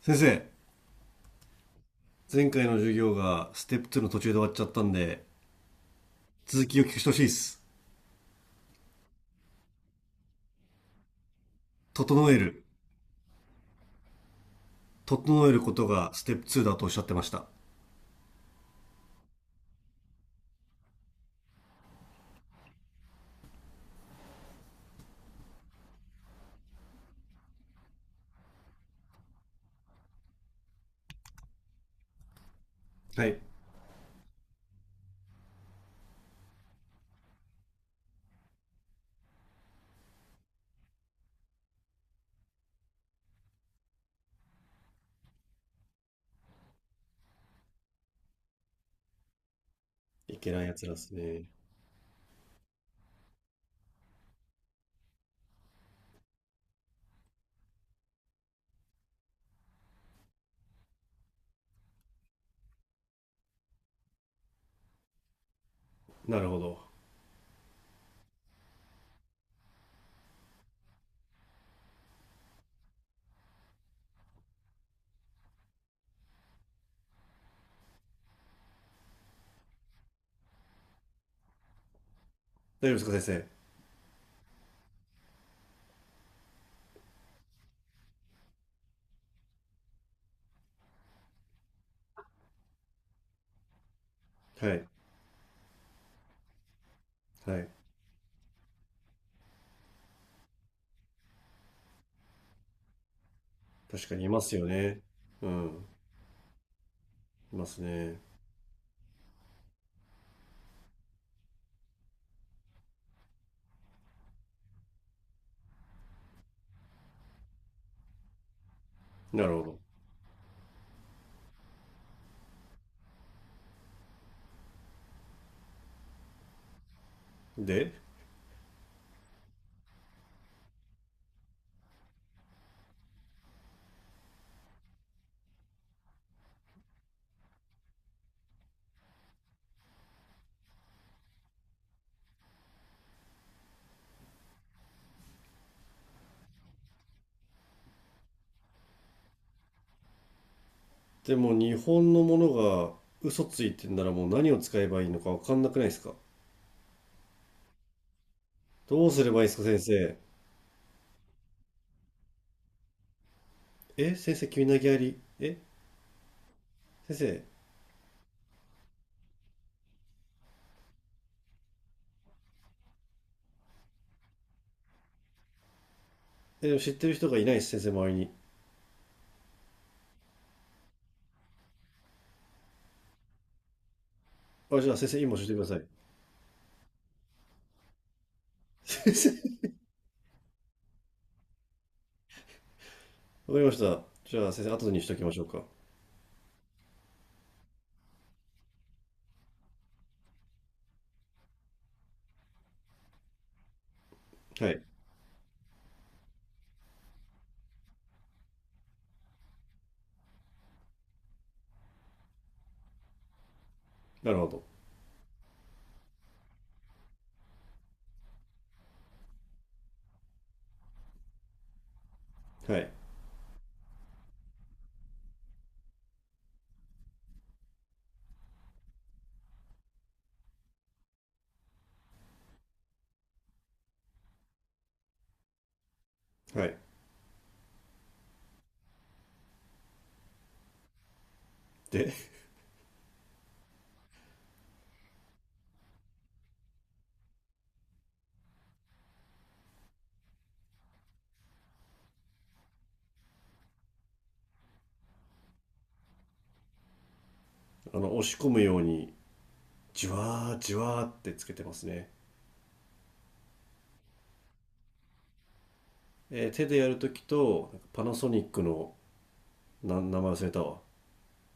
先生、前回の授業がステップ2の途中で終わっちゃったんで、続きを聞くしてほしいです。整える。整えることがステップ2だとおっしゃってました。はい。いけないやつらですね。なるほど。大丈夫ですか、先生。はい。はい。確かにいますよね。うん。いますね。なるほど。で、でも日本のものが嘘ついてんならもう何を使えばいいのか分かんなくないですか。どうすればいいですか、先生。え、先生、急に投げやり。え、先生、えー知ってる人がいないです、先生、周りに。あ、じゃあ先生、今教えてください。先生。わかりました。じゃあ先生、後にしときましょうか。はい。なるほど。はい。はい。で、あの、押し込むように、じわーじわーってつけてますね。えー手でやるときと、なんかパナソニックの、名前忘れたわ。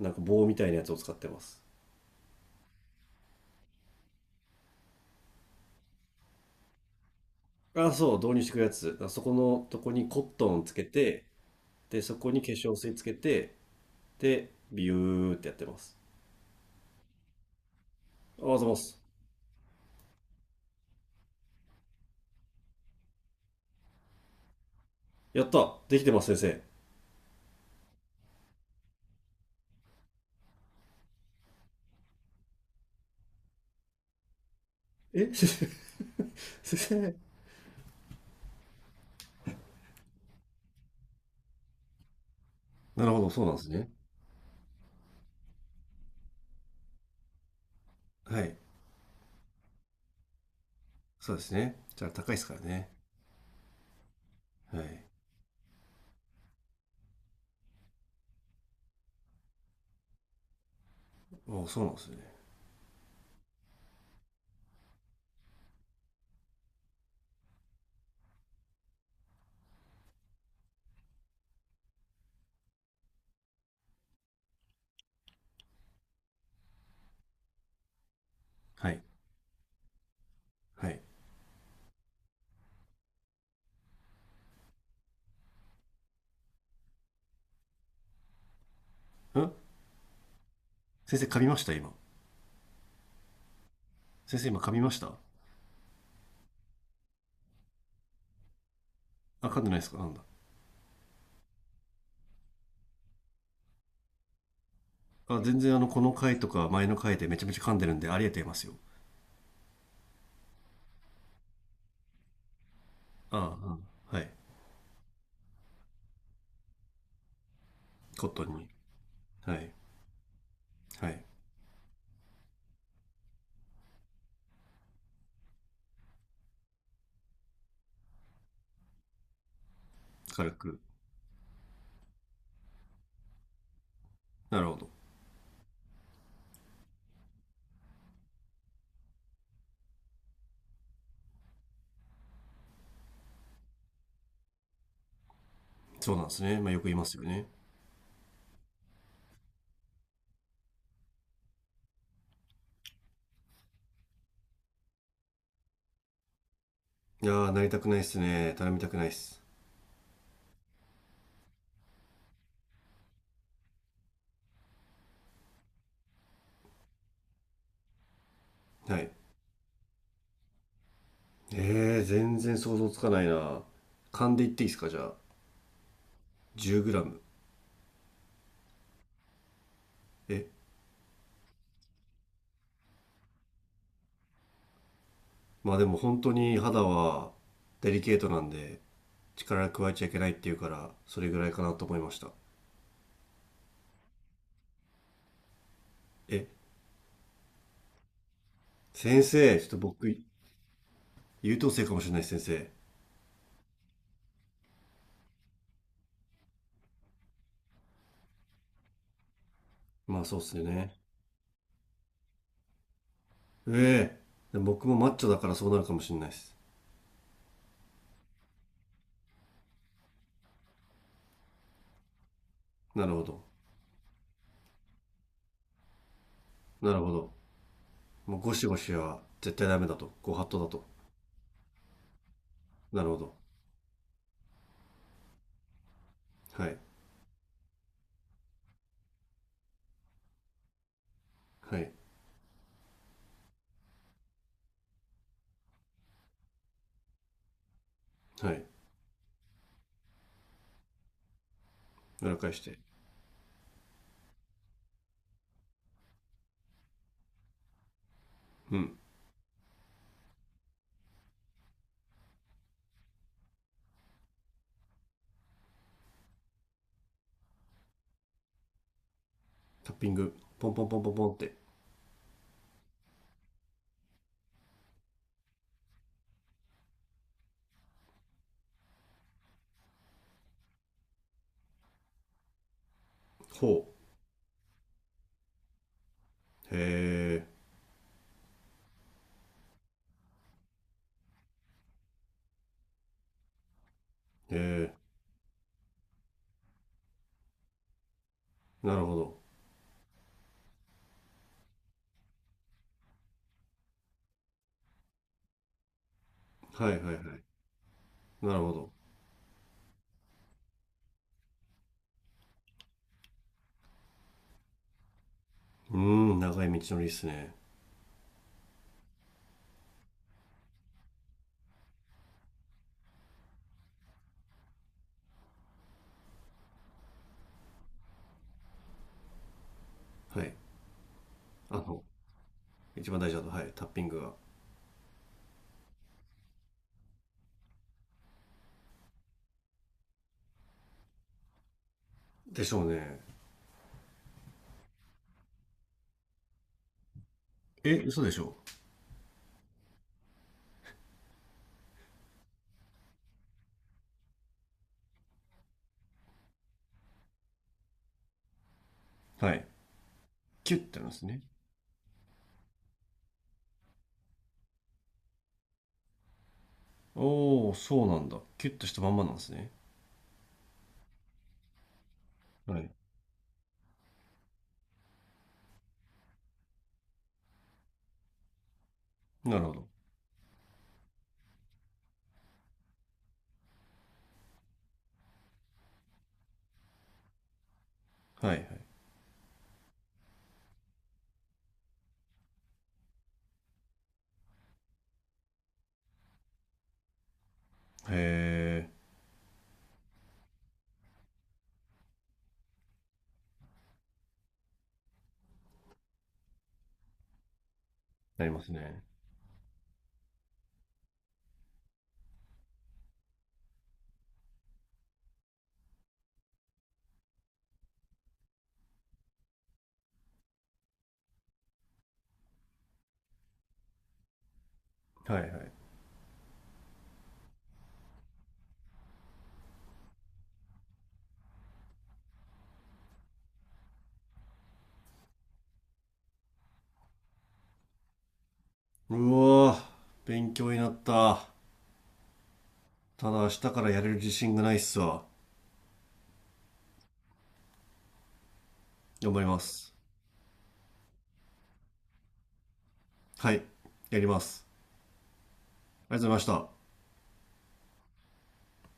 なんか棒みたいなやつを使ってます。あ、そう、導入してくるやつ。あそこのとこにコットンつけて、で、そこに化粧水つけて、で、ビューってやってます。あ、ありがとうございます。やったできてます、先生。え先生 先生、なるほど、そうなんですね。はい。そうですね。じゃあ高いですからね。はい。お、そうなんですね。はい。はい。ん、先生噛みました今。先生今噛みました。あ、噛んでないですか、なんだ。あ、全然あの、この回とか前の回でめちゃめちゃ噛んでるんでありえてますよ。ああ、はい。コットンに。はい。はい。軽く。なるほど。そうなんですね。まあよく言いますよね。いやー、なりたくないっすね。頼みたくないっす。はい。えー、全然想像つかないな。噛んでいっていいですかじゃあ。10グラム、え、まあでも本当に肌はデリケートなんで力加えちゃいけないっていうからそれぐらいかなと思いました。え、先生、ちょっと僕優等生かもしれないです先生。まあそうっすよね。ええ。でも僕もマッチョだからそうなるかもしれないです。なるほど。なるほど、もうゴシゴシは絶対ダメだと、ご法度だと。なるほど。はいはいはい。裏返して。うん。タッピング、ポンポンポンポンポンって。ほ。うへえ。へえ。なるほど。はいはいはい。なるほど。うーん、長い道のりっすね。はい。あの、一番大事だと、はい、タッピングが。でしょうね。え、嘘でしょう。はい。キュッてなんですね。おー、そうなんだ。キュッとしたまんまなんですね。はい。なるほど。はいはい。へー、なりますね。はいはい。うわー、勉強になった。ただ明日からやれる自信がないっすわ。頑張ります。はい、やります。ありがとうございました。